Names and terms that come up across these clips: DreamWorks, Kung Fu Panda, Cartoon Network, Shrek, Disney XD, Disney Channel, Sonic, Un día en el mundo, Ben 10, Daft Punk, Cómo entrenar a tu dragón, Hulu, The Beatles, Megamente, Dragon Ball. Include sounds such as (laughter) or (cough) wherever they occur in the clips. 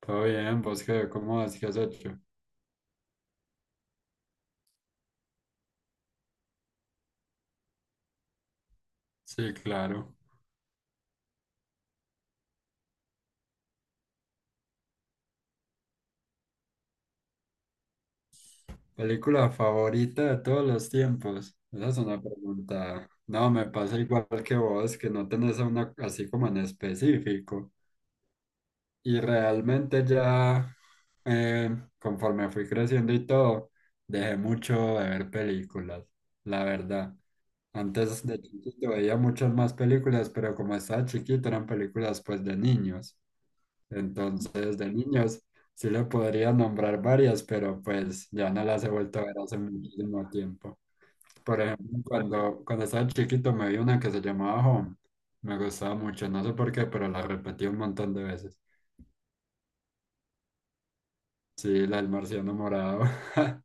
Todo bien, vos qué, ¿cómo vas? ¿Qué has hecho? Sí, claro. ¿Película favorita de todos los tiempos? Esa es una pregunta. No, me pasa igual que vos, que no tenés a una así como en específico. Y realmente ya, conforme fui creciendo y todo, dejé mucho de ver películas, la verdad. Antes de chiquito veía muchas más películas, pero como estaba chiquito eran películas pues de niños. Entonces, de niños, sí le podría nombrar varias, pero pues ya no las he vuelto a ver hace muchísimo tiempo. Por ejemplo, cuando estaba chiquito me vi una que se llamaba Home. Me gustaba mucho, no sé por qué, pero la repetí un montón de veces. Sí, la del marciano morado. (laughs)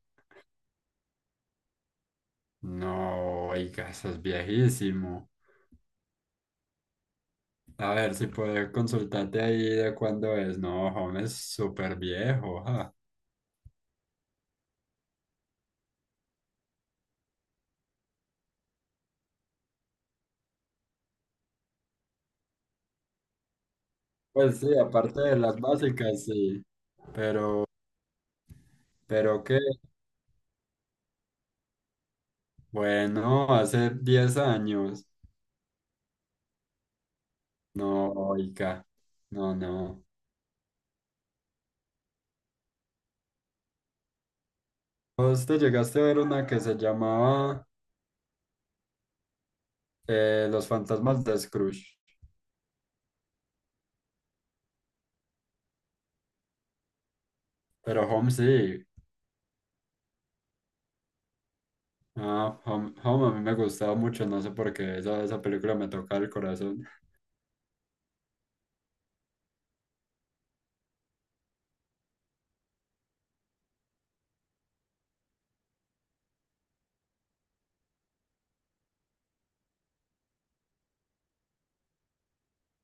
No, oiga, eso es viejísimo. A ver si puedo consultarte ahí de cuándo es. No, Home es súper viejo, ja. Pues sí, aparte de las básicas, sí. Pero, pero qué. Bueno, hace 10 años. No, oiga. No, no. Vos te llegaste a ver una que se llamaba Los fantasmas de Scrooge. Pero Home sí. Ah, Home, Home a mí me gustaba mucho, no sé por qué. Esa película me tocaba el corazón.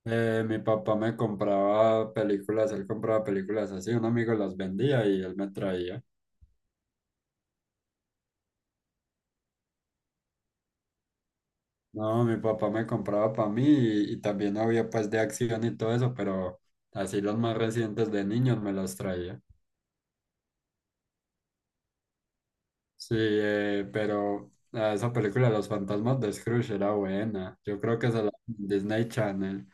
Mi papá me compraba películas, él compraba películas así. Un amigo las vendía y él me traía. No, mi papá me compraba para mí y también había pues de acción y todo eso, pero así los más recientes de niños me los traía. Sí, pero esa película Los fantasmas de Scrooge era buena. Yo creo que se la en Disney Channel.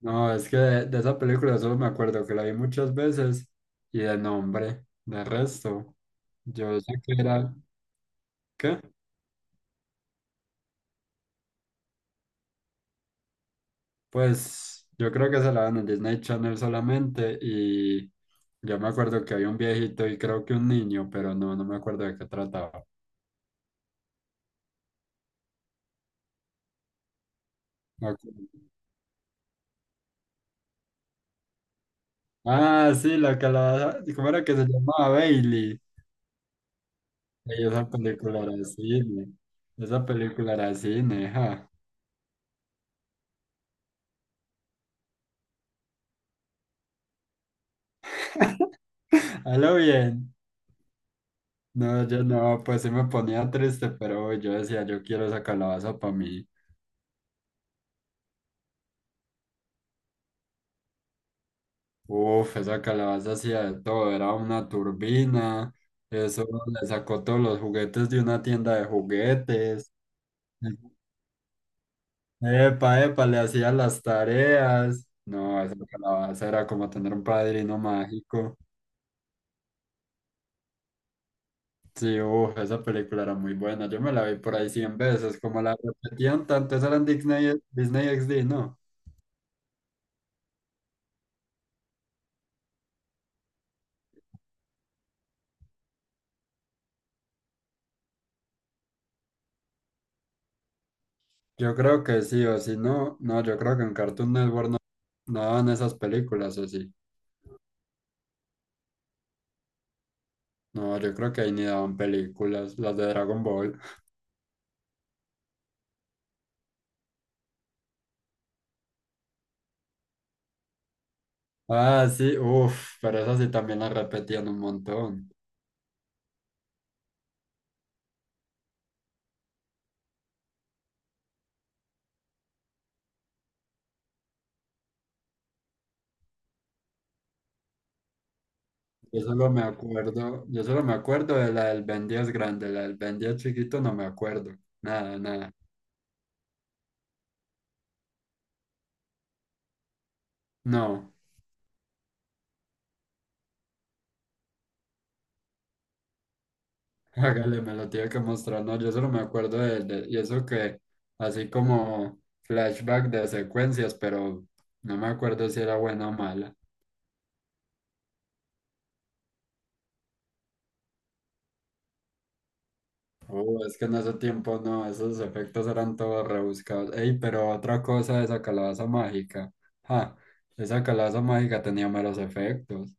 No, es que de esa película solo me acuerdo que la vi muchas veces y de nombre. De resto, yo sé que era... ¿Qué? Pues yo creo que se la dan en Disney Channel solamente y yo me acuerdo que había un viejito y creo que un niño, pero no, no me acuerdo de qué trataba. No acu- Ah, sí, la que la... ¿Cómo era que se llamaba? Bailey. Ey, esa película era cine. Esa película era cine, ja. (laughs) A lo bien. No, yo no, pues sí me ponía triste, pero yo decía, yo quiero esa calabaza para mí. Uf, esa calabaza hacía de todo, era una turbina, eso le sacó todos los juguetes de una tienda de juguetes. Epa, epa, le hacía las tareas. No, esa calabaza era como tener un padrino mágico. Sí, uf, esa película era muy buena. Yo me la vi por ahí 100 veces, como la repetían tanto, esa era en Disney, Disney XD, ¿no? Yo creo que sí, o si no, no, yo creo que en Cartoon Network no, no daban esas películas, o sí. No, yo creo que ahí ni daban películas, las de Dragon Ball. Ah, sí, uff, pero esas sí también las repetían un montón. Yo solo me acuerdo, yo solo me acuerdo de la del Ben 10 grande, la del Ben 10 chiquito no me acuerdo. Nada, nada. No. Hágale, me lo tiene que mostrar. No, yo solo me acuerdo y eso que, así como flashback de secuencias, pero no me acuerdo si era buena o mala. Oh, es que en ese tiempo no, esos efectos eran todos rebuscados. Ey, pero otra cosa de esa calabaza mágica. Ja, esa calabaza mágica tenía meros efectos.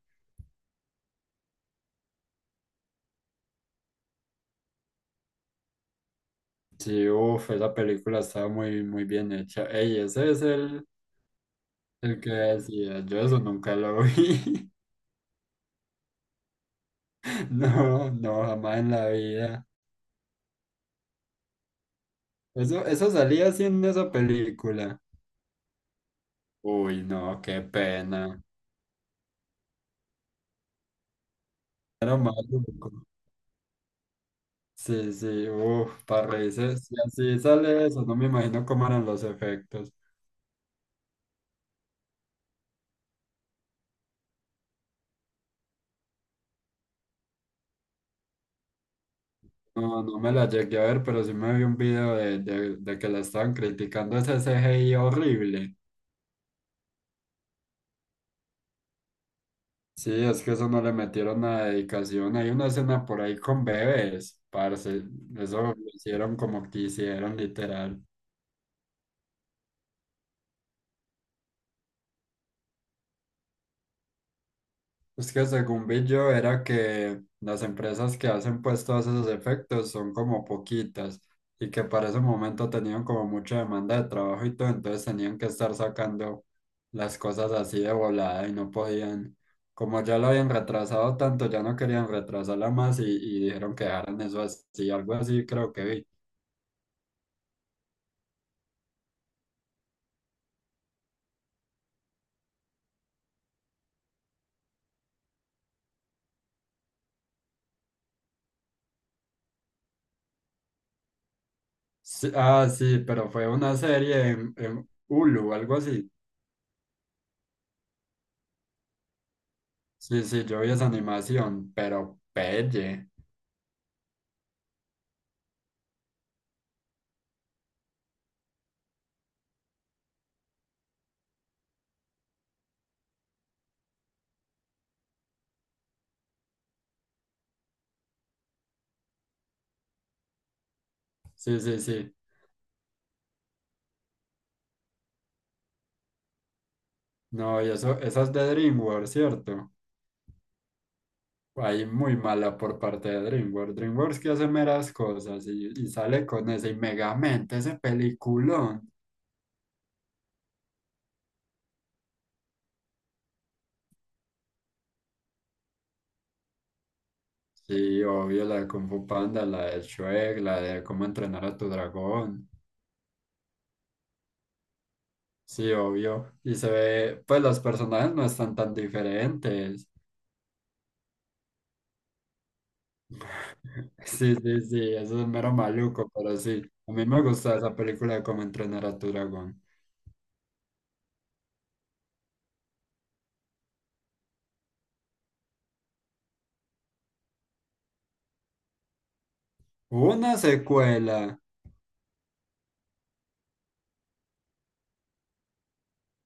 Sí, uff, esa película estaba muy bien hecha. Ey, ese es el que decía. Yo eso nunca lo vi. (laughs) No, no, jamás en la vida. Eso salía así en esa película. Uy, no, qué pena. Era maluco. Sí, sí, uff, para reírse. Si así sale eso, no me imagino cómo eran los efectos. No, no me la llegué a ver, pero sí me vi un video de que la estaban criticando ese CGI horrible. Sí, es que eso no le metieron nada de dedicación. Hay una escena por ahí con bebés, parce. Eso lo hicieron como quisieron, literal. Es que según vi yo era que las empresas que hacen pues todos esos efectos son como poquitas y que para ese momento tenían como mucha demanda de trabajo y todo, entonces tenían que estar sacando las cosas así de volada y no podían, como ya lo habían retrasado tanto, ya no querían retrasarla más y dijeron que dejaran eso así, algo así creo que vi. Sí, ah, sí, pero fue una serie en Hulu, algo así. Sí, sí, yo vi esa animación, pero pelle. Sí, sí, sí. No, y eso, esa es de DreamWorks, ¿cierto? Ahí muy mala por parte de DreamWorks. DreamWorks que hace meras cosas y sale con ese y Megamente, ese peliculón. Sí, obvio, la de Kung Fu Panda, la de Shrek, la de Cómo entrenar a tu dragón. Sí, obvio. Y se ve, pues los personajes no están tan diferentes. (laughs) Sí, sí, sí, eso es mero maluco, pero sí. A mí me gusta esa película de Cómo entrenar a tu dragón. Una secuela.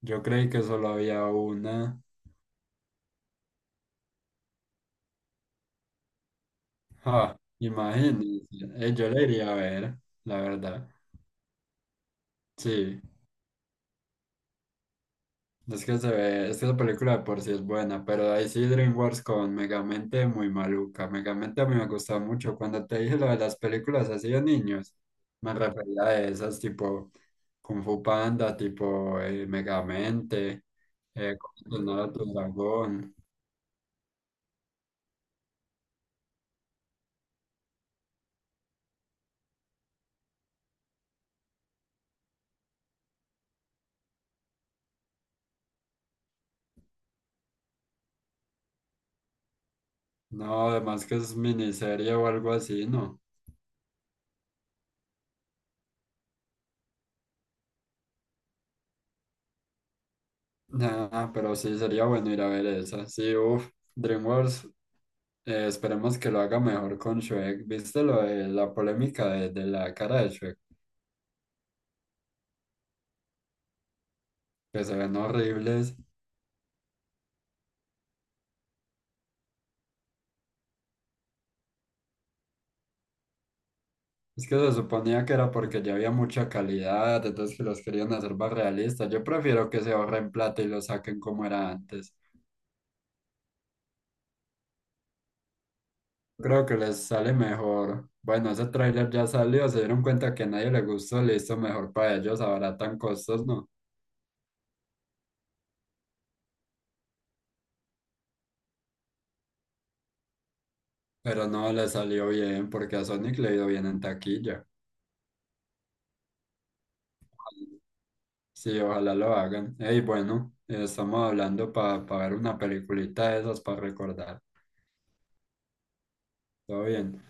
Yo creí que solo había una. Ah, imagínense. Yo la iría a ver, la verdad. Sí, es que se ve, es que la película de por sí es buena, pero ahí sí DreamWorks con Megamente muy maluca. Megamente a mí me gusta mucho. Cuando te dije lo de las películas así de niños, me refería a esas tipo Kung Fu Panda, tipo Megamente, Cómo entrenar a tu dragón. No, además que es miniserie o algo así, ¿no? Nah, pero sí sería bueno ir a ver esa. Sí, uff, DreamWorks, esperemos que lo haga mejor con Shrek. ¿Viste lo de la polémica de la cara de Shrek? Que se ven horribles. Es que se suponía que era porque ya había mucha calidad, entonces que los querían hacer más realistas. Yo prefiero que se ahorren plata y lo saquen como era antes. Creo que les sale mejor. Bueno, ese tráiler ya salió, se dieron cuenta que a nadie le gustó, listo, mejor para ellos, abaratan costos, ¿no? Pero no le salió bien porque a Sonic le ha ido bien en taquilla. Sí, ojalá lo hagan. Ey, bueno, estamos hablando para ver una peliculita de esas para recordar. Todo bien.